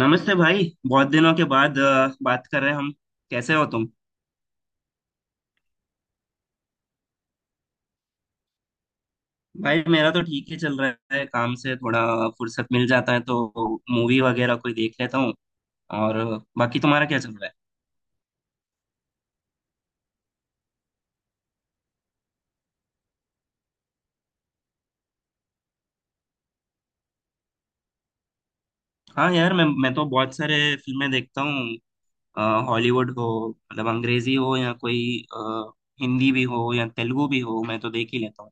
नमस्ते भाई। बहुत दिनों के बाद बात कर रहे हैं हम। कैसे हो तुम? भाई मेरा तो ठीक ही चल रहा है, काम से थोड़ा फुर्सत मिल जाता है तो मूवी वगैरह कोई देख लेता हूँ। और बाकी तुम्हारा क्या चल रहा है? हाँ यार, मैं तो बहुत सारे फिल्में देखता हूँ। अ, हॉलीवुड हो, मतलब अंग्रेजी हो, या कोई अ, हिंदी भी हो या तेलुगु भी हो, मैं तो देख ही लेता हूँ।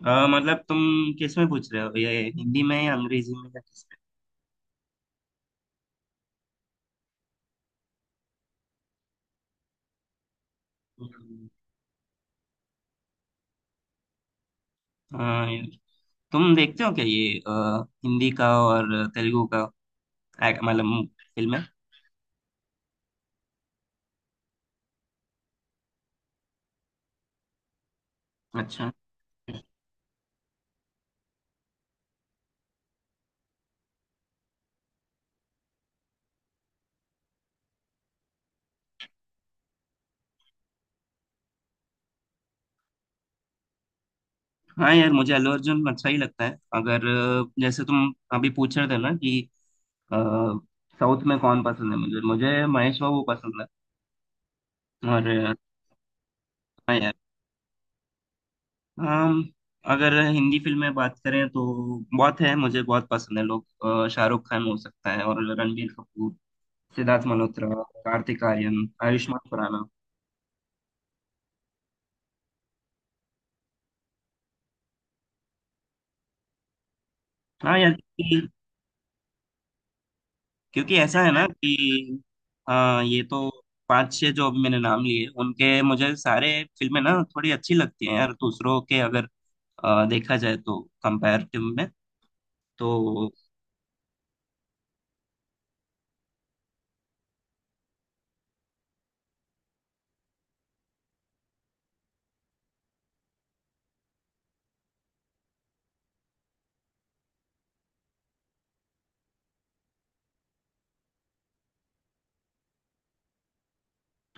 मतलब तुम किस में पूछ रहे हो, ये हिंदी में या अंग्रेजी में या किस में? हम्म। हाँ यार, तुम देखते हो क्या ये हिंदी का और तेलुगु का? मतलब फिल्में। अच्छा। हाँ यार, मुझे अल्लू अर्जुन अच्छा ही लगता है। अगर जैसे तुम अभी पूछ रहे थे ना कि अ, साउथ में कौन पसंद है, मुझे मुझे महेश बाबू पसंद है। और हाँ यार, अम, अगर हिंदी फिल्म में बात करें तो बहुत है, मुझे बहुत पसंद है लोग। शाहरुख खान हो सकता है, और रणबीर कपूर, सिद्धार्थ मल्होत्रा, कार्तिक आर्यन, आयुष्मान खुराना। हाँ यार, क्योंकि ऐसा है ना कि हाँ, ये तो पांच छह जो अभी मैंने नाम लिए, उनके मुझे सारे फिल्में ना थोड़ी अच्छी लगती हैं यार, दूसरों के अगर देखा जाए तो कंपैरेटिव में। तो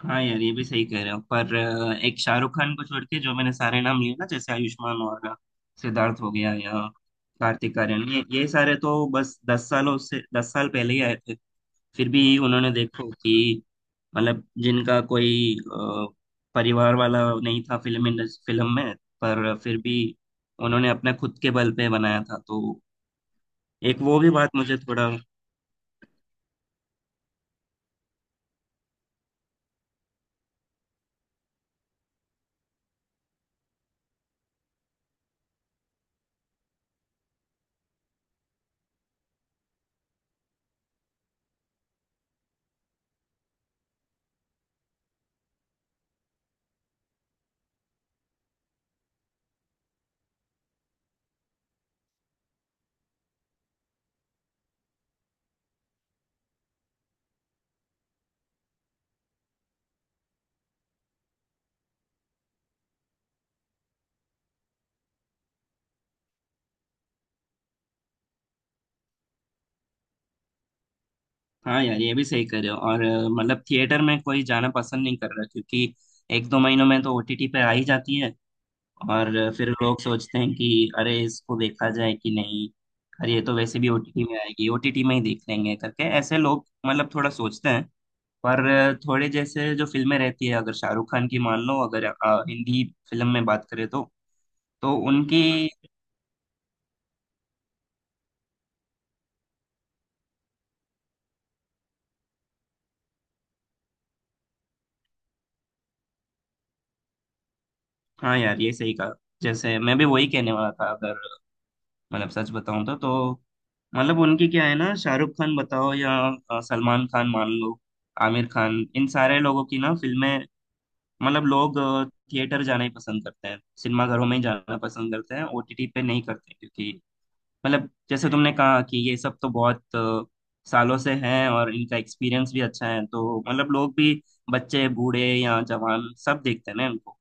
हाँ यार, ये भी सही कह रहे हो। पर एक शाहरुख खान को छोड़ के जो मैंने सारे नाम लिए ना, जैसे आयुष्मान खुराना, सिद्धार्थ हो गया, या कार्तिक आर्यन, ये सारे तो बस दस सालों से, दस साल पहले ही आए थे। फिर भी उन्होंने देखो कि मतलब जिनका कोई परिवार वाला नहीं था फिल्म इंडस्ट्री, फिल्म में, पर फिर भी उन्होंने अपने खुद के बल पे बनाया था। तो एक वो भी बात मुझे थोड़ा। हाँ यार, ये भी सही करे हो। और मतलब थिएटर में कोई जाना पसंद नहीं कर रहा, क्योंकि एक दो महीनों में तो ओटीटी पे आ ही जाती है। और फिर लोग सोचते हैं कि अरे इसको देखा जाए कि नहीं, अरे ये तो वैसे भी ओटीटी में आएगी, ओटीटी में ही देख लेंगे करके, ऐसे लोग मतलब थोड़ा सोचते हैं। पर थोड़े जैसे जो फिल्में रहती है, अगर शाहरुख खान की मान लो, अगर हिंदी फिल्म में बात करें तो उनकी। हाँ यार, ये सही कहा, जैसे मैं भी वही कहने वाला था। अगर मतलब सच बताऊं तो मतलब उनकी क्या है ना, शाहरुख खान बताओ, या सलमान खान मान लो, आमिर खान, इन सारे लोगों की ना फिल्में मतलब लोग थिएटर जाना ही पसंद करते हैं, सिनेमा घरों में ही जाना पसंद करते हैं, ओटीटी पे नहीं करते। क्योंकि मतलब जैसे तुमने कहा कि ये सब तो बहुत सालों से हैं और इनका एक्सपीरियंस भी अच्छा है, तो मतलब लोग भी, बच्चे बूढ़े या जवान, सब देखते हैं ना इनको।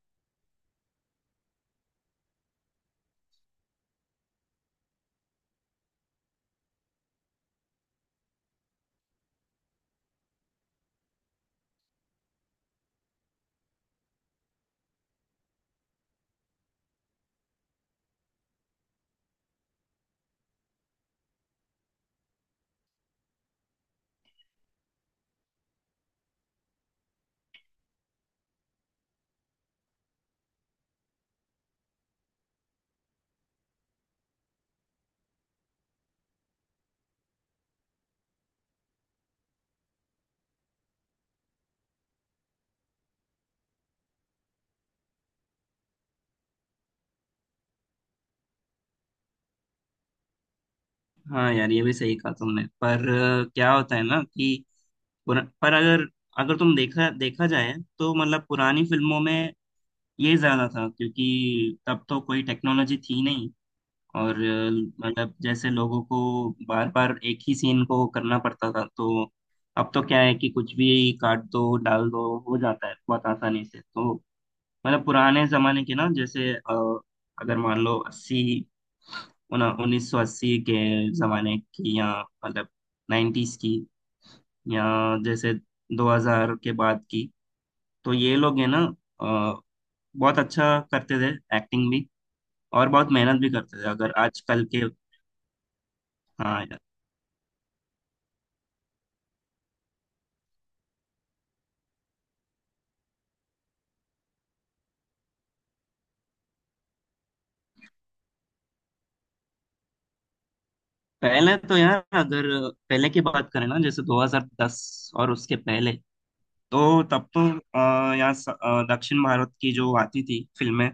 हाँ यार, ये भी सही कहा तुमने। पर क्या होता है ना कि पर अगर, अगर तुम देखा देखा जाए तो मतलब पुरानी फिल्मों में ये ज्यादा था, क्योंकि तब तो कोई टेक्नोलॉजी थी नहीं। और मतलब जैसे लोगों को बार बार एक ही सीन को करना पड़ता था। तो अब तो क्या है कि कुछ भी काट दो डाल दो, हो जाता है बहुत आसानी से। तो मतलब पुराने जमाने के ना, जैसे अगर मान लो अस्सी, उन्नीस सौ अस्सी के जमाने की, या मतलब नाइन्टीज की, या जैसे दो हजार के बाद की, तो ये लोग है ना अ, बहुत अच्छा करते थे एक्टिंग भी, और बहुत मेहनत भी करते थे, अगर आजकल के। हाँ। पहले तो यार अगर पहले की बात करें ना, जैसे 2010 और उसके पहले, तो तब तो यहाँ दक्षिण भारत की जो आती थी फिल्में,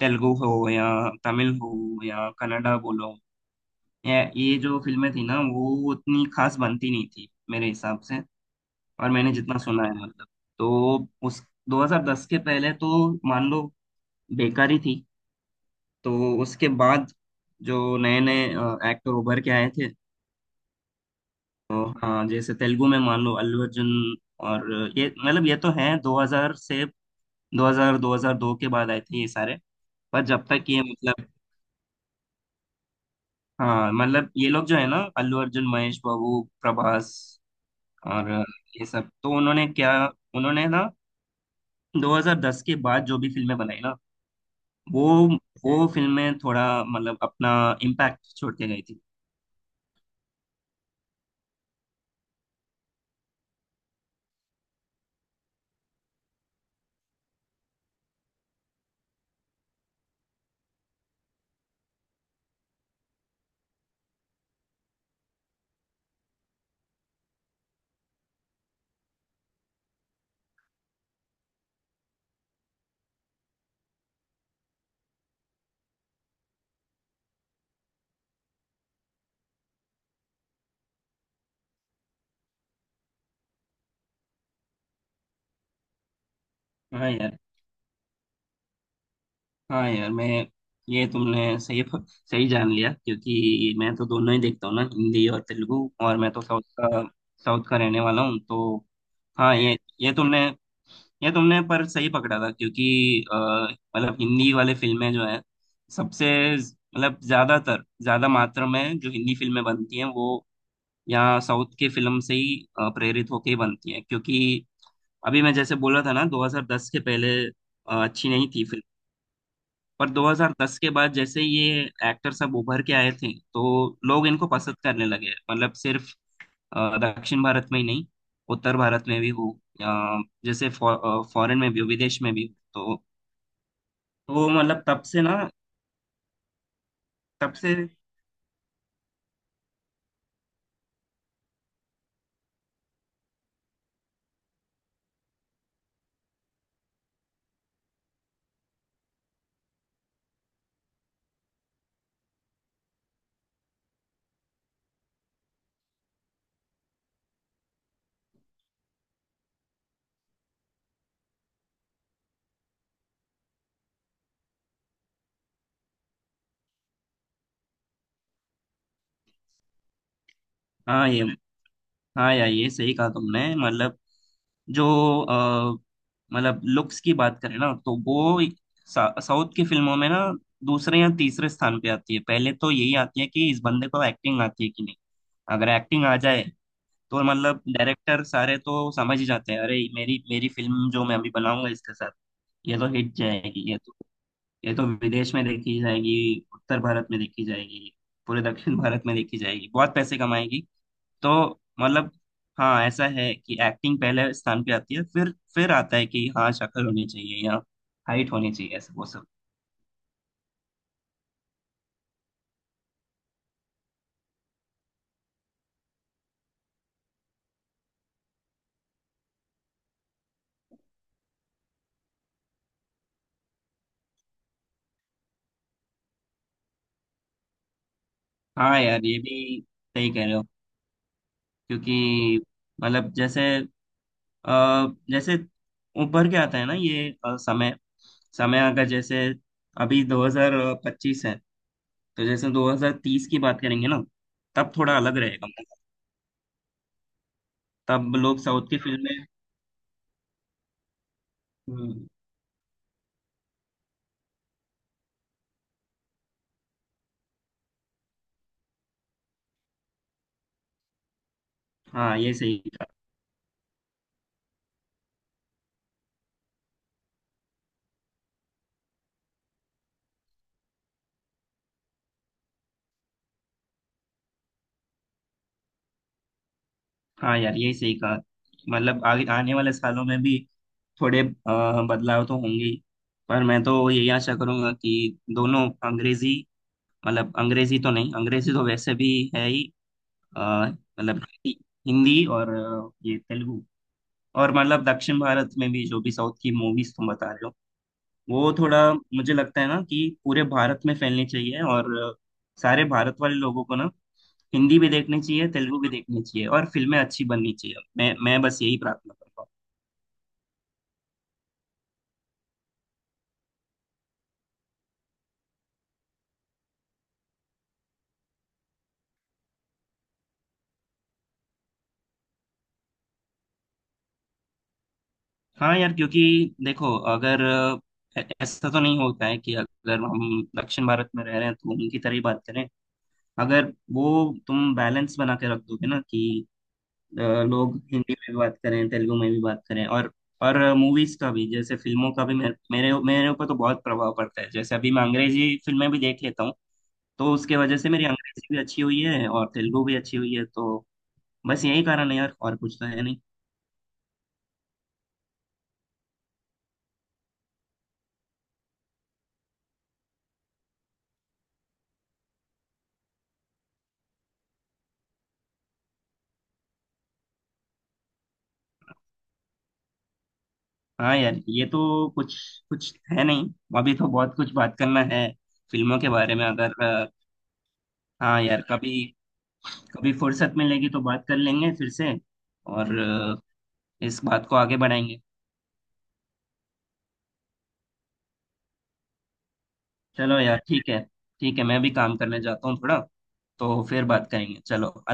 तेलुगु हो या तमिल हो या कन्नड़ा बोलो, या ये जो फिल्में थी ना वो उतनी खास बनती नहीं थी मेरे हिसाब से। और मैंने जितना सुना है मतलब तो उस 2010 के पहले तो मान लो बेकारी थी। तो उसके बाद जो नए नए एक्टर उभर के आए थे तो, हाँ जैसे तेलुगु में मान लो अल्लू अर्जुन और, ये मतलब ये तो हैं 2000 से, 2000 2002 के बाद आए थे ये सारे। पर जब तक ये मतलब, हाँ मतलब ये लोग जो है ना, अल्लू अर्जुन, महेश बाबू, प्रभास और, ये सब तो उन्होंने क्या, उन्होंने 2010 के बाद जो भी फिल्में बनाई ना, वो वो फिल्में थोड़ा मतलब अपना इम्पैक्ट छोड़ के गई थी। हाँ यार। हाँ यार, मैं ये तुमने सही सही जान लिया, क्योंकि मैं तो दोनों ही देखता हूँ ना, हिंदी और तेलुगु। और मैं तो साउथ का रहने वाला हूँ, तो हाँ, ये तुमने ये तुमने पर सही पकड़ा था। क्योंकि मतलब हिंदी वाले फिल्में जो है, सबसे मतलब ज्यादातर, ज्यादा मात्रा में जो हिंदी फिल्में बनती हैं, वो यहाँ साउथ के फिल्म से ही प्रेरित होके ही बनती हैं। क्योंकि अभी मैं जैसे बोला था ना 2010 के पहले अच्छी नहीं थी। पर 2010 के बाद जैसे ही ये एक्टर सब उभर के आए थे तो लोग इनको पसंद करने लगे, मतलब सिर्फ दक्षिण भारत में ही नहीं, उत्तर भारत में भी हो, जैसे फॉरेन में भी हो, विदेश में भी हो। तो वो मतलब तब से, हाँ ये, हाँ यार, ये सही कहा तुमने। मतलब जो अ, मतलब लुक्स की बात करें ना तो वो एक साउथ की फिल्मों में ना दूसरे या तीसरे स्थान पे आती है। पहले तो यही आती है कि इस बंदे को एक्टिंग आती है कि नहीं। अगर एक्टिंग आ जाए तो मतलब डायरेक्टर सारे तो समझ ही जाते हैं, अरे मेरी मेरी फिल्म जो मैं अभी बनाऊंगा इसके साथ ये तो हिट जाएगी, ये तो विदेश में देखी जाएगी, उत्तर भारत में देखी जाएगी, पूरे दक्षिण भारत में देखी जाएगी, बहुत पैसे कमाएगी। तो मतलब हाँ ऐसा है कि एक्टिंग पहले स्थान पे आती है, फिर आता है कि हाँ शक्ल होनी चाहिए या हाइट होनी चाहिए, ऐसा वो सब। हाँ यार, ये भी सही कह रहे हो, क्योंकि मतलब जैसे अ, जैसे ऊपर के आता है ना ये समय समय अगर, जैसे अभी 2025 है, तो जैसे 2030 की बात करेंगे ना तब थोड़ा अलग रहेगा। तब लोग साउथ की फिल्में। हम्म। हाँ ये सही। हाँ यार, यही सही कहा, मतलब आगे आने वाले सालों में भी थोड़े बदलाव तो होंगे ही। पर मैं तो यही आशा करूंगा कि दोनों अंग्रेजी, मतलब अंग्रेजी तो नहीं, अंग्रेजी तो वैसे भी है ही, अ, मतलब हिंदी हिंदी और ये तेलुगु, और मतलब दक्षिण भारत में भी जो भी साउथ की मूवीज तुम बता रहे हो, वो थोड़ा मुझे लगता है ना कि पूरे भारत में फैलनी चाहिए। और सारे भारत वाले लोगों को ना हिंदी भी देखनी चाहिए, तेलुगु भी देखनी चाहिए, और फिल्में अच्छी बननी चाहिए, मैं बस यही प्रार्थना करता हूँ। हाँ यार, क्योंकि देखो अगर ऐसा तो नहीं होता है कि अगर हम दक्षिण भारत में रह रहे हैं तो उनकी तरह ही बात करें। अगर वो तुम बैलेंस बना के रख दोगे ना कि लोग हिंदी में भी बात करें, तेलुगु में भी बात करें, और मूवीज का भी, जैसे फिल्मों का भी मेरे मेरे मेरे ऊपर तो बहुत प्रभाव पड़ता है। जैसे अभी मैं अंग्रेजी फिल्में भी देख लेता हूँ, तो उसके वजह से मेरी अंग्रेजी भी अच्छी हुई है और तेलुगु भी अच्छी हुई है। तो बस यही कारण है यार, और कुछ तो है नहीं। हाँ यार, ये तो कुछ कुछ है नहीं, अभी तो बहुत कुछ बात करना है फिल्मों के बारे में। अगर हाँ यार, कभी कभी फुर्सत मिलेगी तो बात कर लेंगे फिर से, और इस बात को आगे बढ़ाएंगे। चलो यार, ठीक है, ठीक है, मैं भी काम करने जाता हूँ थोड़ा, तो फिर बात करेंगे। चलो, अलविदा।